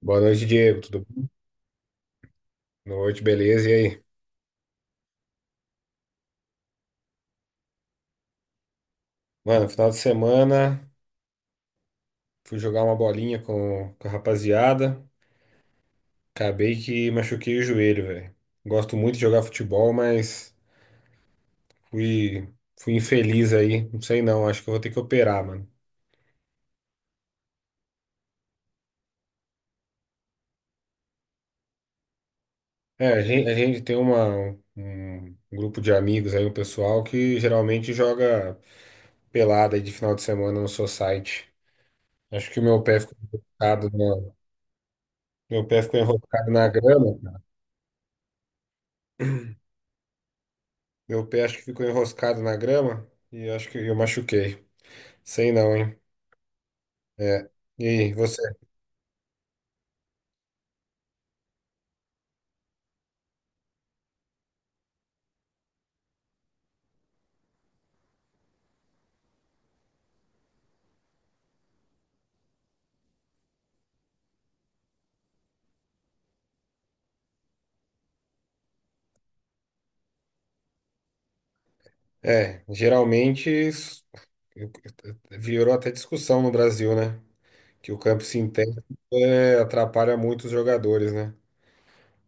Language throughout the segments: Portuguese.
Boa noite, Diego. Tudo bom? Boa noite, beleza? E aí? Mano, final de semana fui jogar uma bolinha com a rapaziada. Acabei que machuquei o joelho, velho. Gosto muito de jogar futebol, mas fui, fui infeliz aí. Não sei não, acho que eu vou ter que operar, mano. É, a gente tem uma, um um grupo de amigos aí, um pessoal que geralmente joga pelada aí de final de semana no society. Acho que o meu pé ficou enroscado na grama. Meu pé acho que ficou enroscado na grama e acho que eu machuquei. Sei não, hein? É. E aí, você? É, geralmente eu- virou até discussão no Brasil, né? Que o campo sintético atrapalha muito os jogadores, né?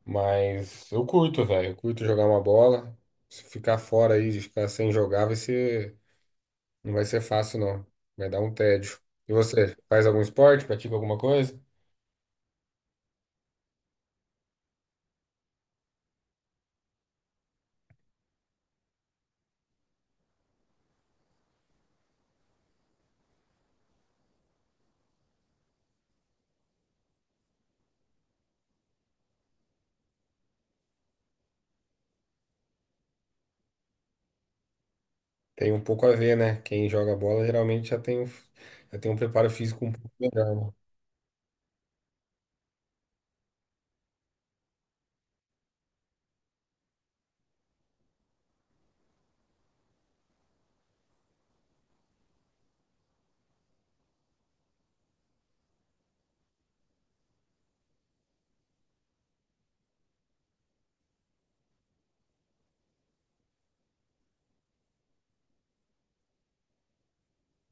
Mas eu curto, velho. Eu curto jogar uma bola. Se ficar fora aí, de ficar sem jogar, vai ser, não vai ser fácil, não. Vai dar um tédio. E você? Faz algum esporte? Pratica alguma coisa? Tem um pouco a ver, né? Quem joga bola geralmente já tem um preparo físico um pouco melhor,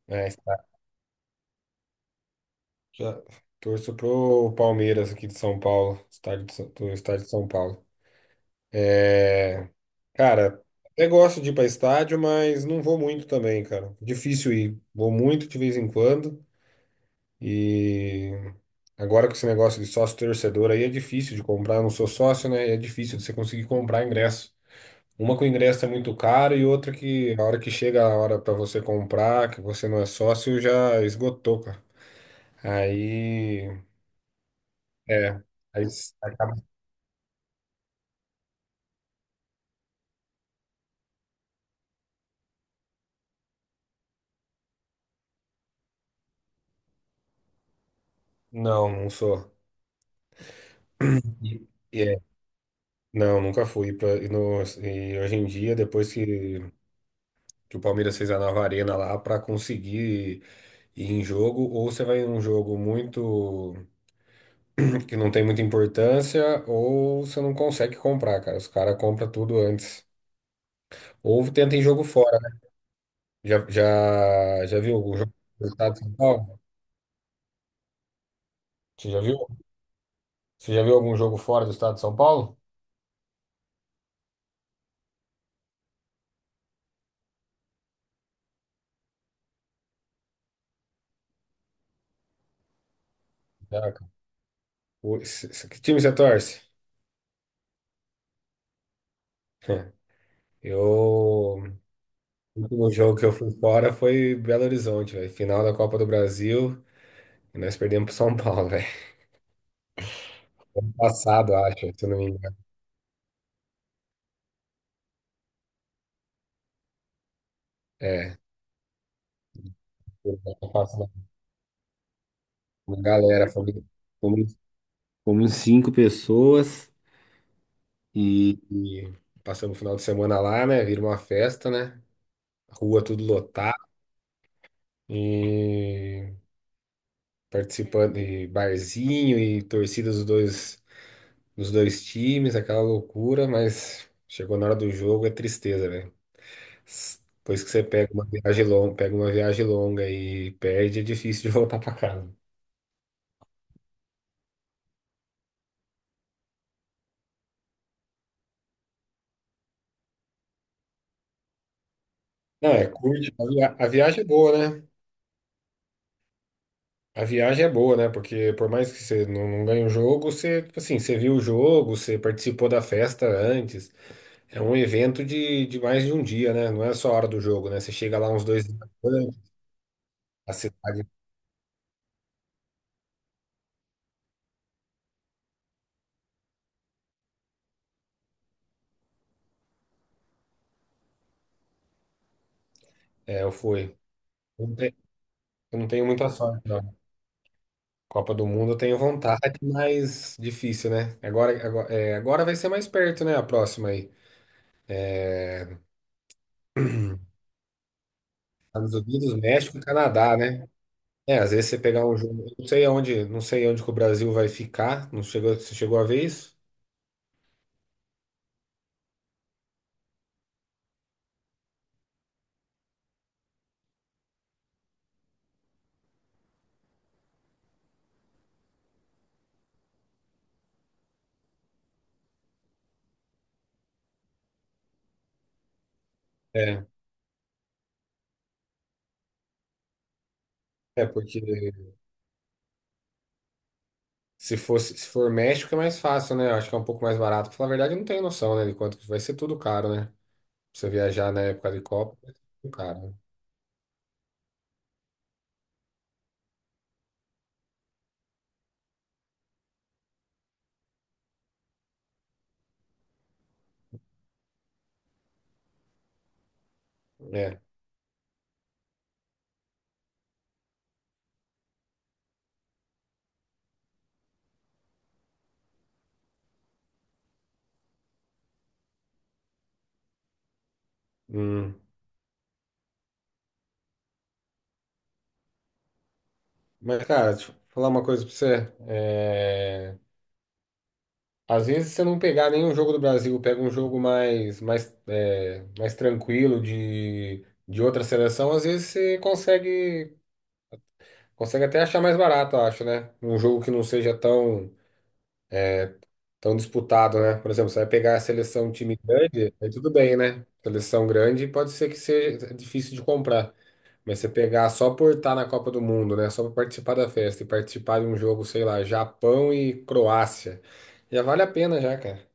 né? Já torço pro Palmeiras aqui de São Paulo, do estádio de São Paulo. É, cara, até gosto de ir para estádio, mas não vou muito também, cara. Difícil ir. Vou muito de vez em quando e agora com esse negócio de sócio torcedor aí é difícil de comprar. Eu não sou sócio, né? E é difícil de você conseguir comprar ingresso. Uma que o ingresso é muito caro e outra que a hora que chega a hora pra você comprar, que você não é sócio, já esgotou, cara. Aí, é, aí s- acaba- Não, não sou. E- e não, nunca fui pra, e, no- e hoje em dia, depois que o Palmeiras fez a nova arena lá pra conseguir ir em jogo, ou você vai em um jogo muito que não tem muita importância, ou você não consegue comprar, cara. Os caras compram tudo antes. Ou tenta em jogo fora. Já viu algum jogo do estado de São Paulo? Você já viu? Você já viu algum jogo fora do estado de São Paulo? Já, cara. Que time você torce? Eu. O último jogo que eu fui fora foi Belo Horizonte, velho. Final da Copa do Brasil. E nós perdemos pro São Paulo, velho. Ano passado, acho, se eu não me engano. É. Ano passado. Uma galera, fomos, fomos cinco pessoas e passamos o final de semana lá, né? Vira uma festa, né? Rua tudo lotada e participando de barzinho e torcida dos dois times, aquela loucura, mas chegou na hora do jogo, é tristeza, velho. Depois que você pega uma viagem longa, pega uma viagem longa e perde, é difícil de voltar pra casa. Não, é curte. A viagem é boa, né? A viagem é boa, né? Porque por mais que você não ganhe o jogo, você, tipo assim, você viu o jogo, você participou da festa antes. É um evento de mais de um dia, né? Não é só a hora do jogo, né? Você chega lá uns 2 dias. A cidade, eu fui. Eu eu não tenho muita sorte, não. Copa do Mundo eu tenho vontade, mas difícil, né? Agora vai ser mais perto, né? A próxima aí. Estados Unidos, México e Canadá, né? É, às vezes você pegar um jogo. Eu não sei aonde, não sei onde que o Brasil vai ficar. Não chegou, você chegou a ver isso? É, Porque se fosse, se for México é mais fácil, né? Eu acho que é um pouco mais barato. Pra falar a verdade, eu não tenho noção, né, de quanto que vai ser tudo caro, né? Pra você viajar na época de Copa, vai ser tudo caro, né? É. Hum. Mas, cara, deixa eu falar uma coisa pra você. Às vezes, se você não pegar nenhum jogo do Brasil, pega um jogo mais tranquilo de outra seleção, às vezes você consegue até achar mais barato, eu acho, né? Um jogo que não seja tão disputado, né? Por exemplo, você vai pegar a seleção time grande, aí tudo bem, né? Seleção grande pode ser que seja difícil de comprar. Mas você pegar só por estar na Copa do Mundo, né? Só para participar da festa e participar de um jogo, sei lá, Japão e Croácia, já vale a pena já, cara.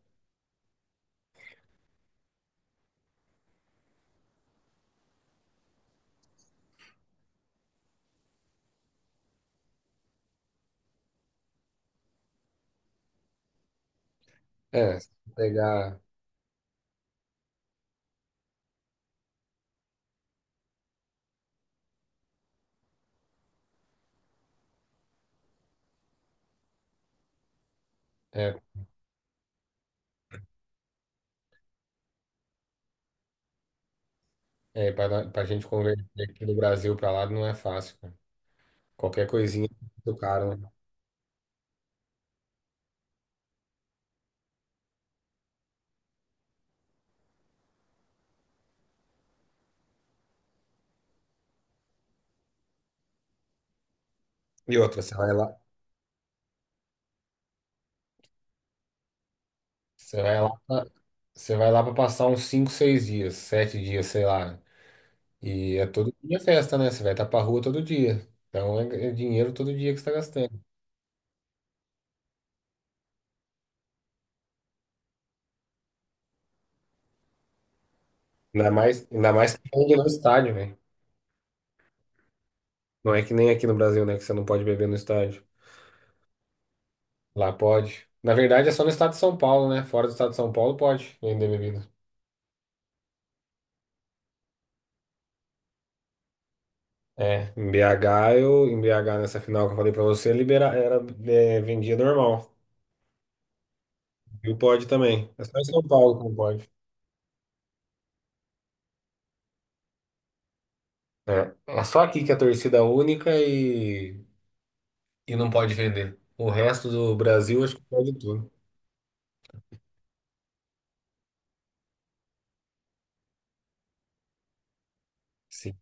É, se pegar é, é, para a gente converter aqui do Brasil para lá não é fácil, cara. Qualquer coisinha é muito caro, né? E outra, você vai lá, pra- você vai lá para passar uns 5, 6 dias, 7 dias, sei lá. E é todo dia festa, né? Você vai estar pra rua todo dia. Então é dinheiro todo dia que você tá gastando. Ainda mais que é no estádio, velho. Não é que nem aqui no Brasil, né? Que você não pode beber no estádio. Lá pode. Na verdade, é só no estado de São Paulo, né? Fora do estado de São Paulo pode vender bebida. Em BH, nessa final que eu falei pra você, libera, era, vendia normal. E pode também. É só em São Paulo que não pode. É, é só aqui que é torcida única e não pode vender. O resto do Brasil, acho que pode tudo. Sim,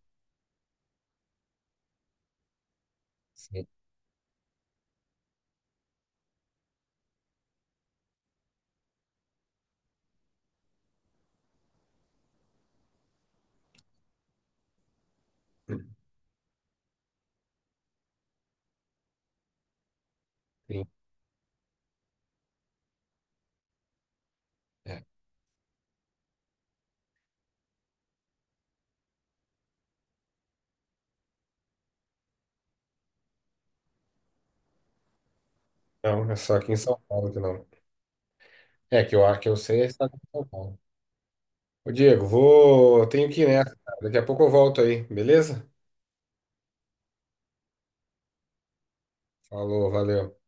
sim, sim. É. Não, é só aqui em São Paulo que não. É, que eu acho que eu sei é estado de São Paulo. Ô Diego, vou. Tenho que ir nessa, cara. Daqui a pouco eu volto aí, beleza? Falou, valeu.